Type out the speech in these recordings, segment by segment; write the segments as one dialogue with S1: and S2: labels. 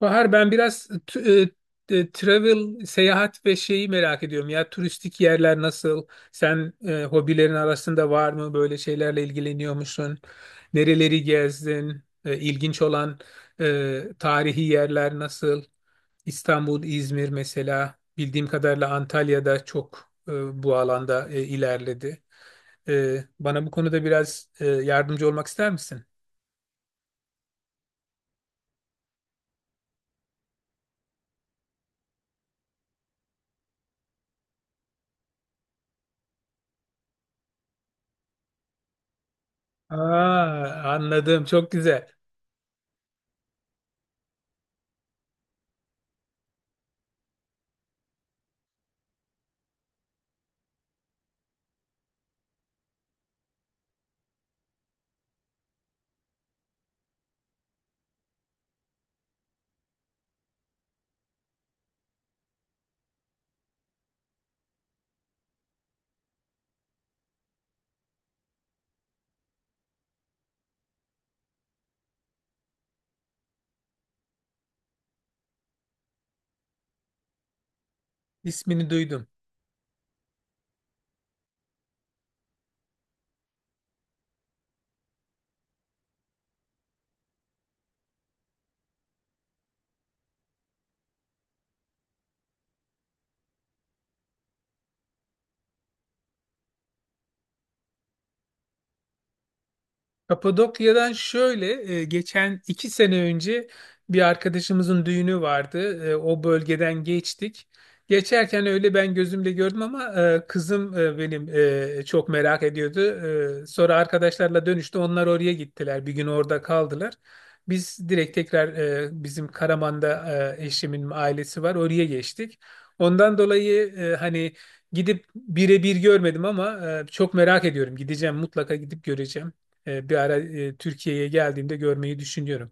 S1: Bahar ben biraz travel, seyahat ve şeyi merak ediyorum. Ya turistik yerler nasıl? Sen hobilerin arasında var mı? Böyle şeylerle ilgileniyor musun? Nereleri gezdin? İlginç olan tarihi yerler nasıl? İstanbul, İzmir mesela. Bildiğim kadarıyla Antalya'da çok bu alanda ilerledi. Bana bu konuda biraz yardımcı olmak ister misin? Aa, anladım. Çok güzel. İsmini duydum. Kapadokya'dan şöyle geçen iki sene önce bir arkadaşımızın düğünü vardı. O bölgeden geçtik. Geçerken öyle ben gözümle gördüm ama kızım benim çok merak ediyordu. Sonra arkadaşlarla dönüşte onlar oraya gittiler. Bir gün orada kaldılar. Biz direkt tekrar bizim Karaman'da eşimin ailesi var. Oraya geçtik. Ondan dolayı hani gidip birebir görmedim ama çok merak ediyorum. Gideceğim, mutlaka gidip göreceğim. Bir ara Türkiye'ye geldiğimde görmeyi düşünüyorum.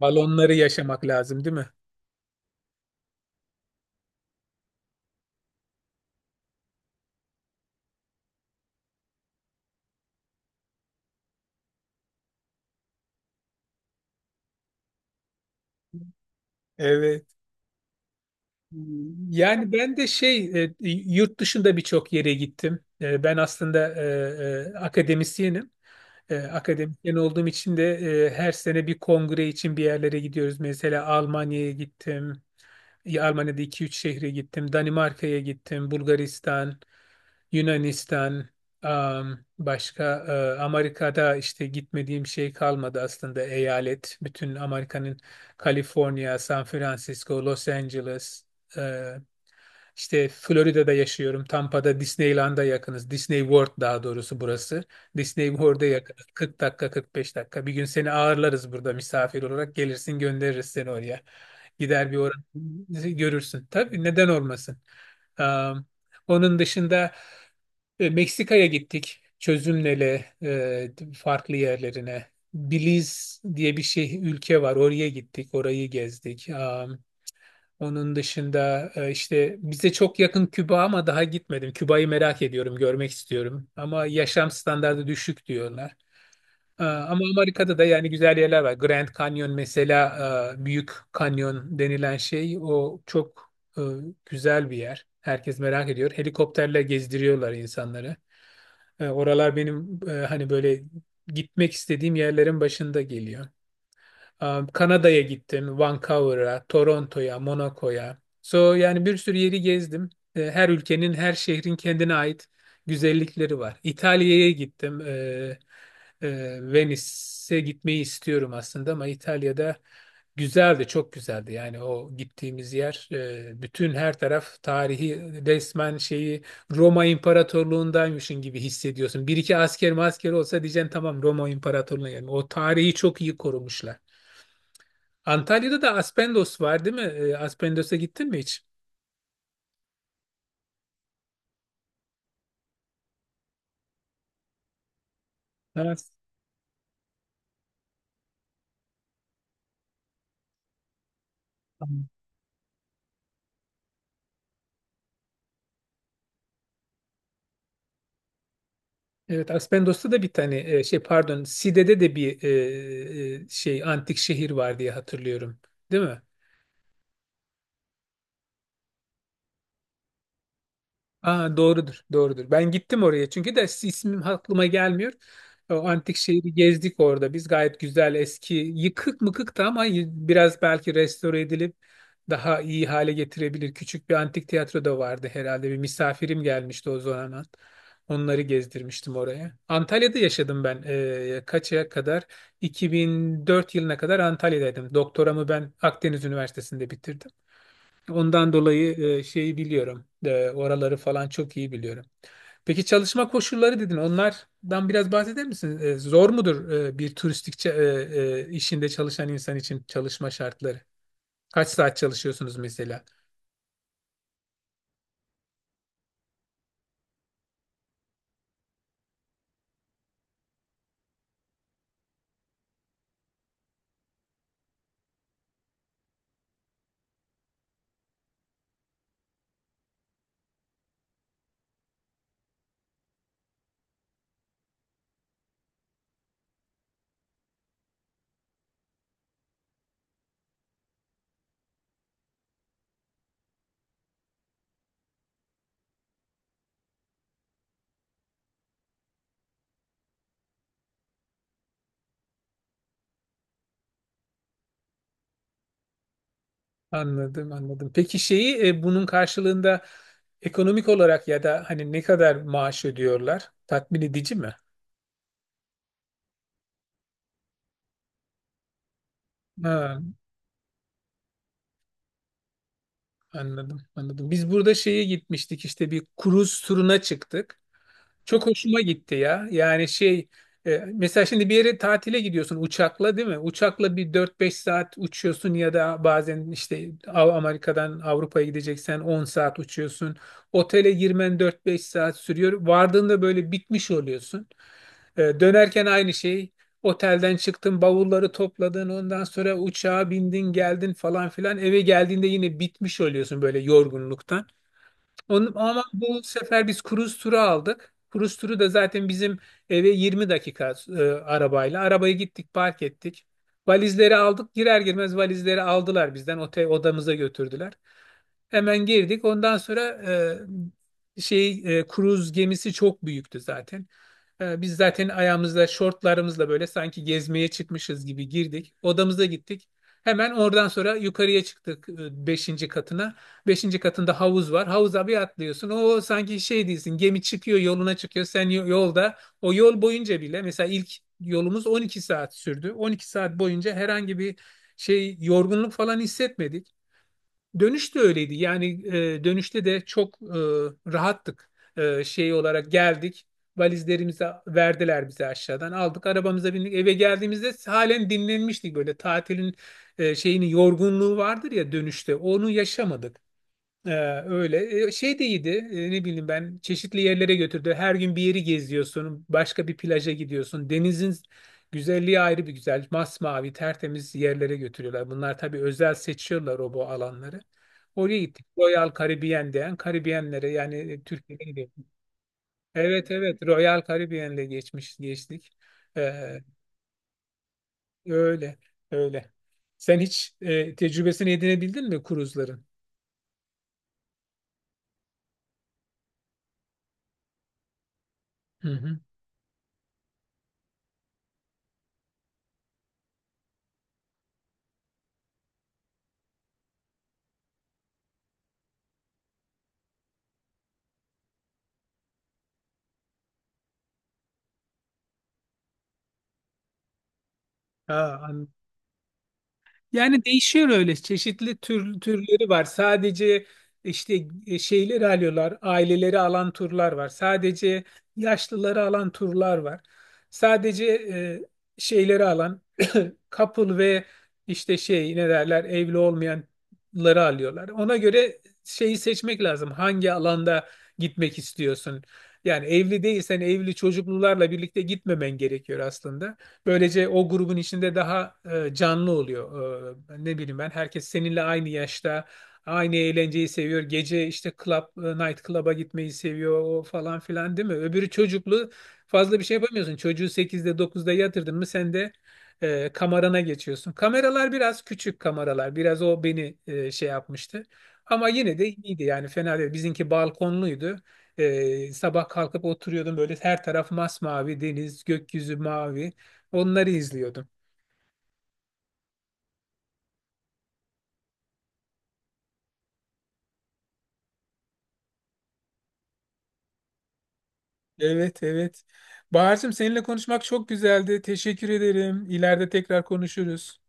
S1: Balonları yaşamak lazım, değil mi? Evet. Yani ben de yurt dışında birçok yere gittim. Ben aslında akademisyenim. Akademisyen olduğum için de her sene bir kongre için bir yerlere gidiyoruz. Mesela Almanya'ya gittim. Ya Almanya'da iki üç şehre gittim. Danimarka'ya gittim. Bulgaristan. Yunanistan, başka Amerika'da işte gitmediğim şey kalmadı aslında eyalet. Bütün Amerika'nın Kaliforniya, San Francisco, Los Angeles, e, işte Florida'da yaşıyorum. Tampa'da Disneyland'a yakınız. Disney World daha doğrusu burası. Disney World'a yakınız. 40 dakika, 45 dakika. Bir gün seni ağırlarız burada misafir olarak. Gelirsin, göndeririz seni oraya. Gider bir oranı görürsün. Tabii, neden olmasın. Am, Onun dışında Meksika'ya gittik. Çözümlele farklı yerlerine. Belize diye bir şey ülke var. Oraya gittik. Orayı gezdik. Onun dışında işte bize çok yakın Küba ama daha gitmedim. Küba'yı merak ediyorum, görmek istiyorum. Ama yaşam standardı düşük diyorlar. Ama Amerika'da da yani güzel yerler var. Grand Canyon mesela, Büyük Kanyon denilen şey o çok e, güzel bir yer. Herkes merak ediyor. Helikopterle gezdiriyorlar insanları. Oralar benim hani böyle gitmek istediğim yerlerin başında geliyor. Kanada'ya gittim, Vancouver'a, Toronto'ya, Monaco'ya. So yani bir sürü yeri gezdim. Her ülkenin, her şehrin kendine ait güzellikleri var. İtalya'ya gittim. E, Venice'e gitmeyi istiyorum aslında ama İtalya'da güzeldi, çok güzeldi. Yani o gittiğimiz yer, bütün her taraf tarihi, resmen şeyi Roma İmparatorluğundaymışın gibi hissediyorsun. Bir iki asker masker olsa diyeceksin tamam Roma İmparatorluğu'na geldim. O tarihi çok iyi korumuşlar. Antalya'da da Aspendos var değil mi? Aspendos'a gittin mi hiç? Evet. Tamam. Evet, Aspendos'ta da bir tane şey, pardon, Side'de de bir şey antik şehir var diye hatırlıyorum. Değil mi? Aa, doğrudur, doğrudur. Ben gittim oraya çünkü de ismim aklıma gelmiyor. O antik şehri gezdik orada. Biz gayet güzel, eski yıkık mıkıktı ama biraz belki restore edilip daha iyi hale getirebilir. Küçük bir antik tiyatro da vardı herhalde. Bir misafirim gelmişti o zaman. Onları gezdirmiştim oraya. Antalya'da yaşadım ben. Kaça kadar? 2004 yılına kadar Antalya'daydım. Doktoramı ben Akdeniz Üniversitesi'nde bitirdim. Ondan dolayı şeyi biliyorum. Oraları falan çok iyi biliyorum. Peki çalışma koşulları dedin. Onlardan biraz bahseder misin? Zor mudur bir turistik işinde çalışan insan için çalışma şartları? Kaç saat çalışıyorsunuz mesela? Anladım, anladım. Peki şeyi bunun karşılığında ekonomik olarak ya da hani ne kadar maaş ödüyorlar? Tatmin edici mi? Ha, anladım, anladım. Biz burada şeye gitmiştik, işte bir kruz turuna çıktık. Çok hoşuma gitti ya. Yani mesela şimdi bir yere tatile gidiyorsun uçakla, değil mi? Uçakla bir dört beş saat uçuyorsun ya da bazen işte Amerika'dan Avrupa'ya gideceksen 10 saat uçuyorsun. Otele girmen dört beş saat sürüyor. Vardığında böyle bitmiş oluyorsun. Dönerken aynı şey. Otelden çıktın, bavulları topladın, ondan sonra uçağa bindin, geldin falan filan. Eve geldiğinde yine bitmiş oluyorsun böyle yorgunluktan. Onu, ama bu sefer biz cruise turu aldık. Cruise turu da zaten bizim eve 20 dakika arabayla. Arabayı gittik, park ettik. Valizleri aldık. Girer girmez valizleri aldılar bizden. Otel odamıza götürdüler. Hemen girdik. Ondan sonra cruise gemisi çok büyüktü zaten. Biz zaten ayağımızda şortlarımızla böyle sanki gezmeye çıkmışız gibi girdik. Odamıza gittik. Hemen oradan sonra yukarıya çıktık beşinci katına. Beşinci katında havuz var. Havuza bir atlıyorsun. O sanki şey değilsin. Gemi çıkıyor, yoluna çıkıyor. Sen yolda o yol boyunca bile mesela ilk yolumuz 12 saat sürdü. 12 saat boyunca herhangi bir şey, yorgunluk falan hissetmedik. Dönüş de öyleydi. Yani dönüşte de çok rahattık. Şey olarak geldik. Valizlerimizi verdiler bize aşağıdan. Aldık, arabamıza bindik. Eve geldiğimizde halen dinlenmiştik, böyle tatilin şeyini, yorgunluğu vardır ya dönüşte, onu yaşamadık. Ee, öyle. Şey de iyiydi. Ne bileyim ben, çeşitli yerlere götürdü. Her gün bir yeri geziyorsun. Başka bir plaja gidiyorsun. Denizin güzelliği ayrı bir güzel. Masmavi, tertemiz yerlere götürüyorlar. Bunlar tabii özel seçiyorlar o bu alanları. Oraya gittik. Royal Caribbean diyen Karibiyenlere yani Türkiye'ye gidiyorum. Evet evet, Royal Caribbean'le geçmiş geçtik. Ee, öyle öyle. Sen hiç tecrübesini edinebildin mi kruzların? Hı hı. Ha, yani değişiyor öyle, çeşitli türleri var. Sadece işte şeyleri alıyorlar, aileleri alan turlar var. Sadece yaşlıları alan turlar var. Sadece şeyleri alan couple ve işte şey ne derler, evli olmayanları alıyorlar. Ona göre şeyi seçmek lazım. Hangi alanda gitmek istiyorsun? Yani evli değilsen evli çocuklularla birlikte gitmemen gerekiyor aslında. Böylece o grubun içinde daha canlı oluyor. Ne bileyim ben, herkes seninle aynı yaşta aynı eğlenceyi seviyor. Gece işte club, night club'a gitmeyi seviyor o falan filan, değil mi? Öbürü çocuklu, fazla bir şey yapamıyorsun. Çocuğu sekizde dokuzda yatırdın mı sen de kamerana geçiyorsun. Kameralar biraz küçük kameralar. Biraz o beni şey yapmıştı. Ama yine de iyiydi yani, fena değil. Bizimki balkonluydu. Sabah kalkıp oturuyordum, böyle her taraf masmavi deniz, gökyüzü mavi. Onları izliyordum. Evet, evet. Bahar'cığım seninle konuşmak çok güzeldi. Teşekkür ederim. İleride tekrar konuşuruz.